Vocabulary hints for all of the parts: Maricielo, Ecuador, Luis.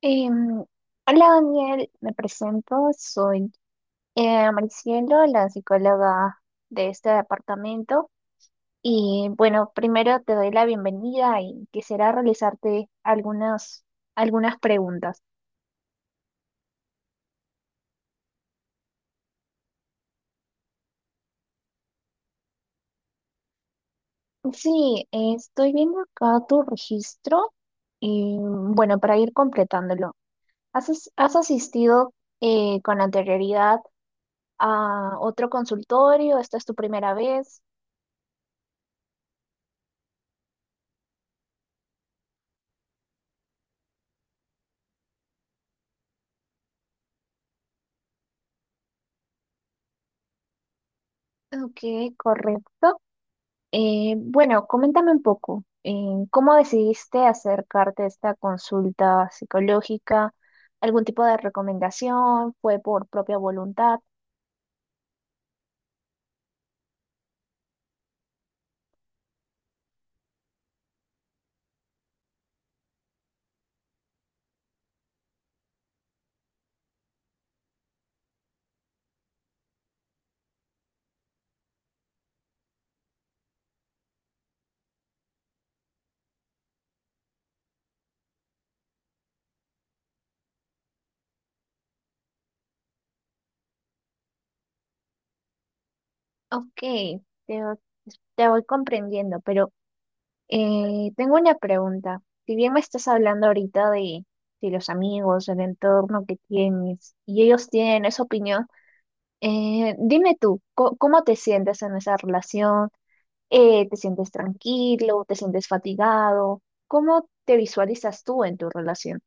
Em, hola Daniel, me presento, soy Maricielo, la psicóloga de este departamento. Y bueno, primero te doy la bienvenida y quisiera realizarte algunas preguntas. Sí, estoy viendo acá tu registro y bueno, para ir completándolo, has asistido con anterioridad a otro consultorio? ¿Esta es tu primera vez? Ok, correcto. Bueno, coméntame un poco, ¿cómo decidiste acercarte a esta consulta psicológica? ¿Algún tipo de recomendación? ¿Fue por propia voluntad? Ok, te, te voy comprendiendo, pero tengo una pregunta. Si bien me estás hablando ahorita de los amigos, del entorno que tienes, y ellos tienen esa opinión, dime tú, ¿cómo te sientes en esa relación? Eh, te sientes tranquilo, te sientes fatigado, ¿cómo te visualizas tú en tu relación?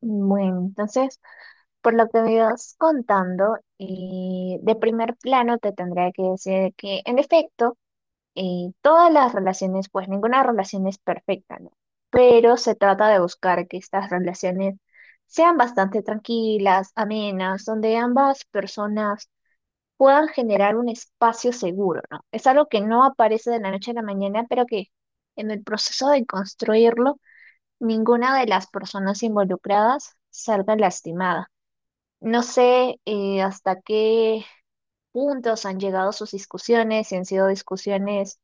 Bueno, entonces, por lo que me ibas contando, de primer plano te tendría que decir que, en efecto, todas las relaciones, pues ninguna relación es perfecta, ¿no? Pero se trata de buscar que estas relaciones sean bastante tranquilas, amenas, donde ambas personas puedan generar un espacio seguro, ¿no? Es algo que no aparece de la noche a la mañana, pero que en el proceso de construirlo, ninguna de las personas involucradas salga lastimada. No sé hasta qué puntos han llegado sus discusiones, si han sido discusiones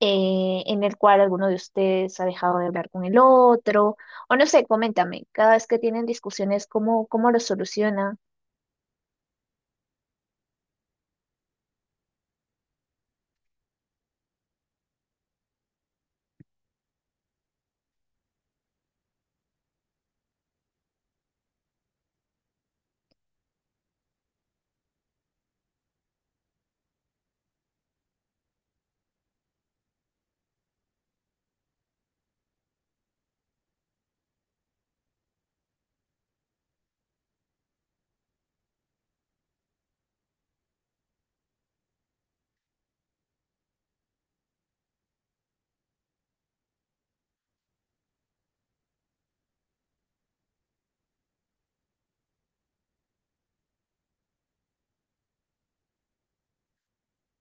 en el cual alguno de ustedes ha dejado de hablar con el otro, o no sé, coméntame, cada vez que tienen discusiones, cómo lo solucionan?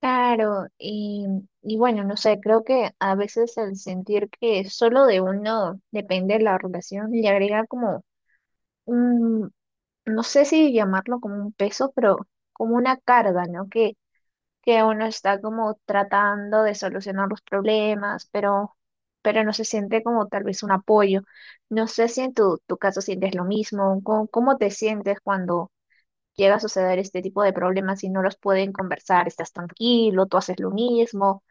Claro, y bueno, no sé, creo que a veces el sentir que solo de uno depende la relación le agrega como un, no sé si llamarlo como un peso, pero como una carga, ¿no? Que uno está como tratando de solucionar los problemas, pero no se siente como tal vez un apoyo. No sé si en tu caso sientes lo mismo, ¿cómo, cómo te sientes cuando llega a suceder este tipo de problemas y no los pueden conversar, estás tranquilo, tú haces lo mismo,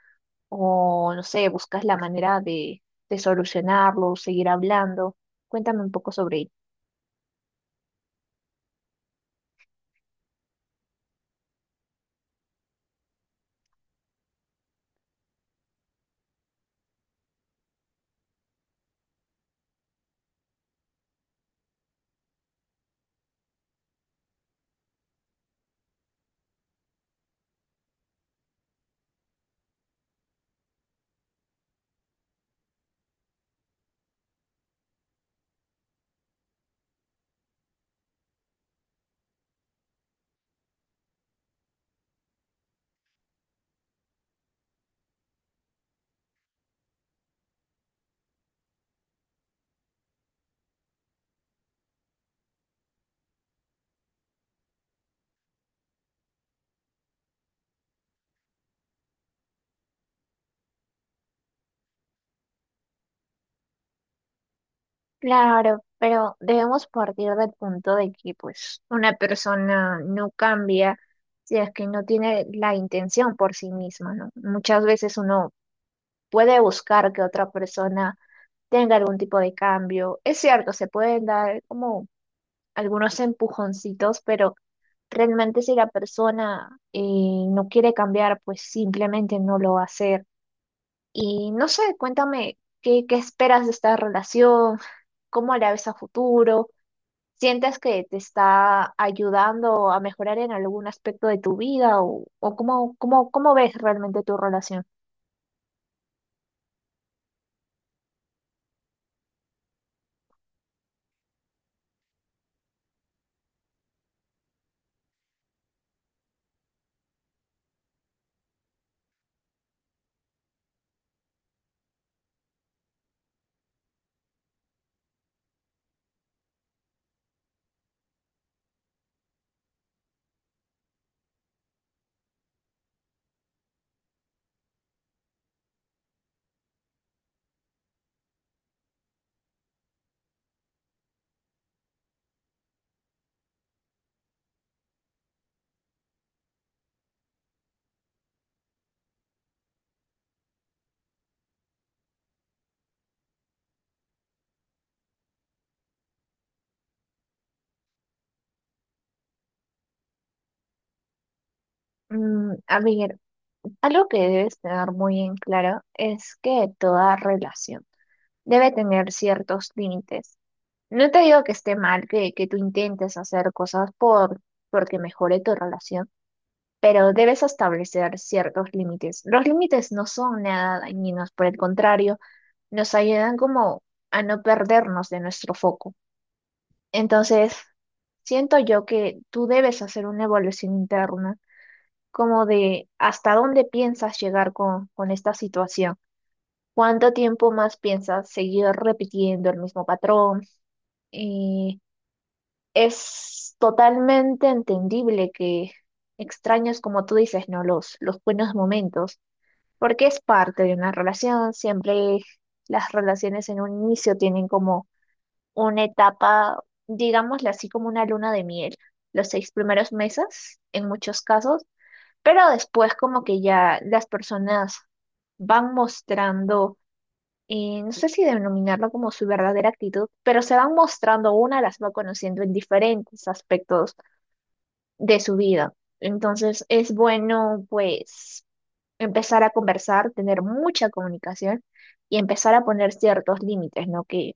o no sé, buscas la manera de solucionarlo, seguir hablando. Cuéntame un poco sobre ello. Claro, pero debemos partir del punto de que pues una persona no cambia si es que no tiene la intención por sí misma, ¿no? Muchas veces uno puede buscar que otra persona tenga algún tipo de cambio. Es cierto, se pueden dar como algunos empujoncitos, pero realmente si la persona no quiere cambiar, pues simplemente no lo va a hacer. Y no sé, cuéntame, qué esperas de esta relación? ¿Cómo la ves a futuro? ¿Sientes que te está ayudando a mejorar en algún aspecto de tu vida o cómo ves realmente tu relación? Mm, a ver, algo que debes tener muy en claro es que toda relación debe tener ciertos límites. No te digo que esté mal que tú intentes hacer cosas por porque mejore tu relación, pero debes establecer ciertos límites. Los límites no son nada dañinos, por el contrario, nos ayudan como a no perdernos de nuestro foco. Entonces, siento yo que tú debes hacer una evaluación interna, como de hasta dónde piensas llegar con esta situación. ¿Cuánto tiempo más piensas seguir repitiendo el mismo patrón? Eh, Es totalmente entendible que extraños, como tú dices, ¿no? Los buenos momentos, porque es parte de una relación. Siempre las relaciones en un inicio tienen como una etapa, digámosle así, como una luna de miel, los seis primeros meses, en muchos casos, pero después como que ya las personas van mostrando, no sé si denominarlo como su verdadera actitud, pero se van mostrando, una las va conociendo en diferentes aspectos de su vida. Entonces es bueno pues empezar a conversar, tener mucha comunicación y empezar a poner ciertos límites, ¿no?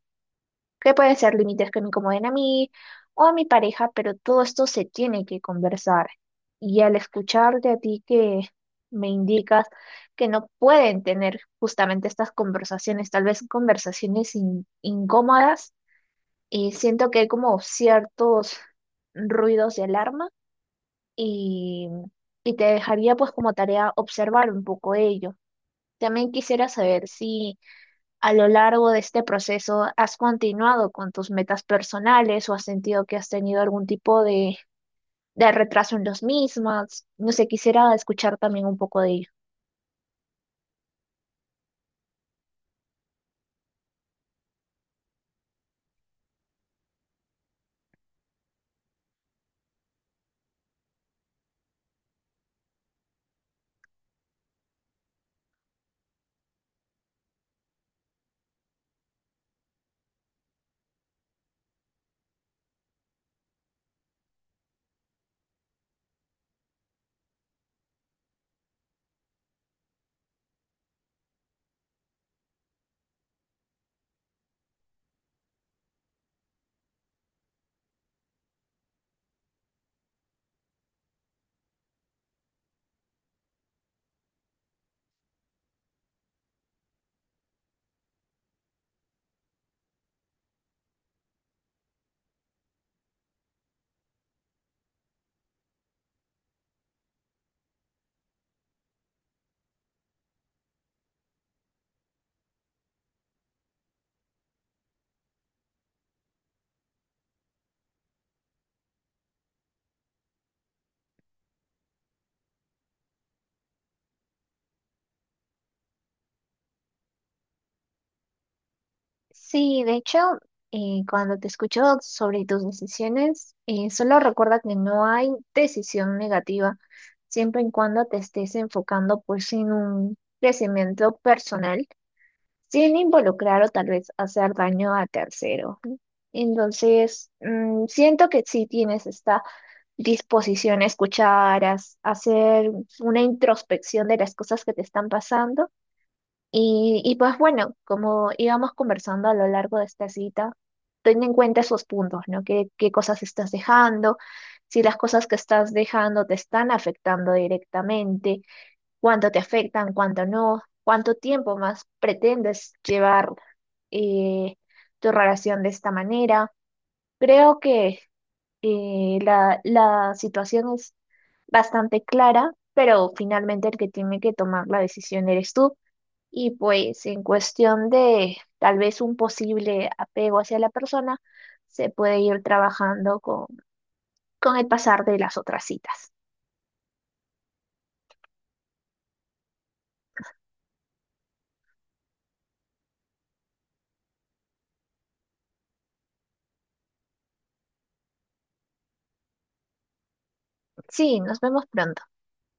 Que pueden ser límites que me incomoden a mí o a mi pareja, pero todo esto se tiene que conversar. Y al escucharte a ti que me indicas que no pueden tener justamente estas conversaciones, tal vez conversaciones incómodas, y siento que hay como ciertos ruidos de alarma y, y te dejaría pues como tarea observar un poco ello. También quisiera saber si a lo largo de este proceso has continuado con tus metas personales o has sentido que has tenido algún tipo de retraso en los mismas. No sé, quisiera escuchar también un poco de ello. Sí, de hecho, cuando te escucho sobre tus decisiones, solo recuerda que no hay decisión negativa, siempre y cuando te estés enfocando pues en un crecimiento personal sin involucrar o tal vez hacer daño a terceros. Entonces, mm, siento que sí tienes esta disposición a escuchar, a hacer una introspección de las cosas que te están pasando. Y pues bueno, como íbamos conversando a lo largo de esta cita, ten en cuenta esos puntos, ¿no? Qué cosas estás dejando? Si las cosas que estás dejando te están afectando directamente, cuánto te afectan, cuánto no, cuánto tiempo más pretendes llevar eh, tu relación de esta manera. Creo que la situación es bastante clara, pero finalmente el que tiene que tomar la decisión eres tú. Y pues en cuestión de tal vez un posible apego hacia la persona, se puede ir trabajando con el pasar de las otras citas. Sí, nos vemos pronto.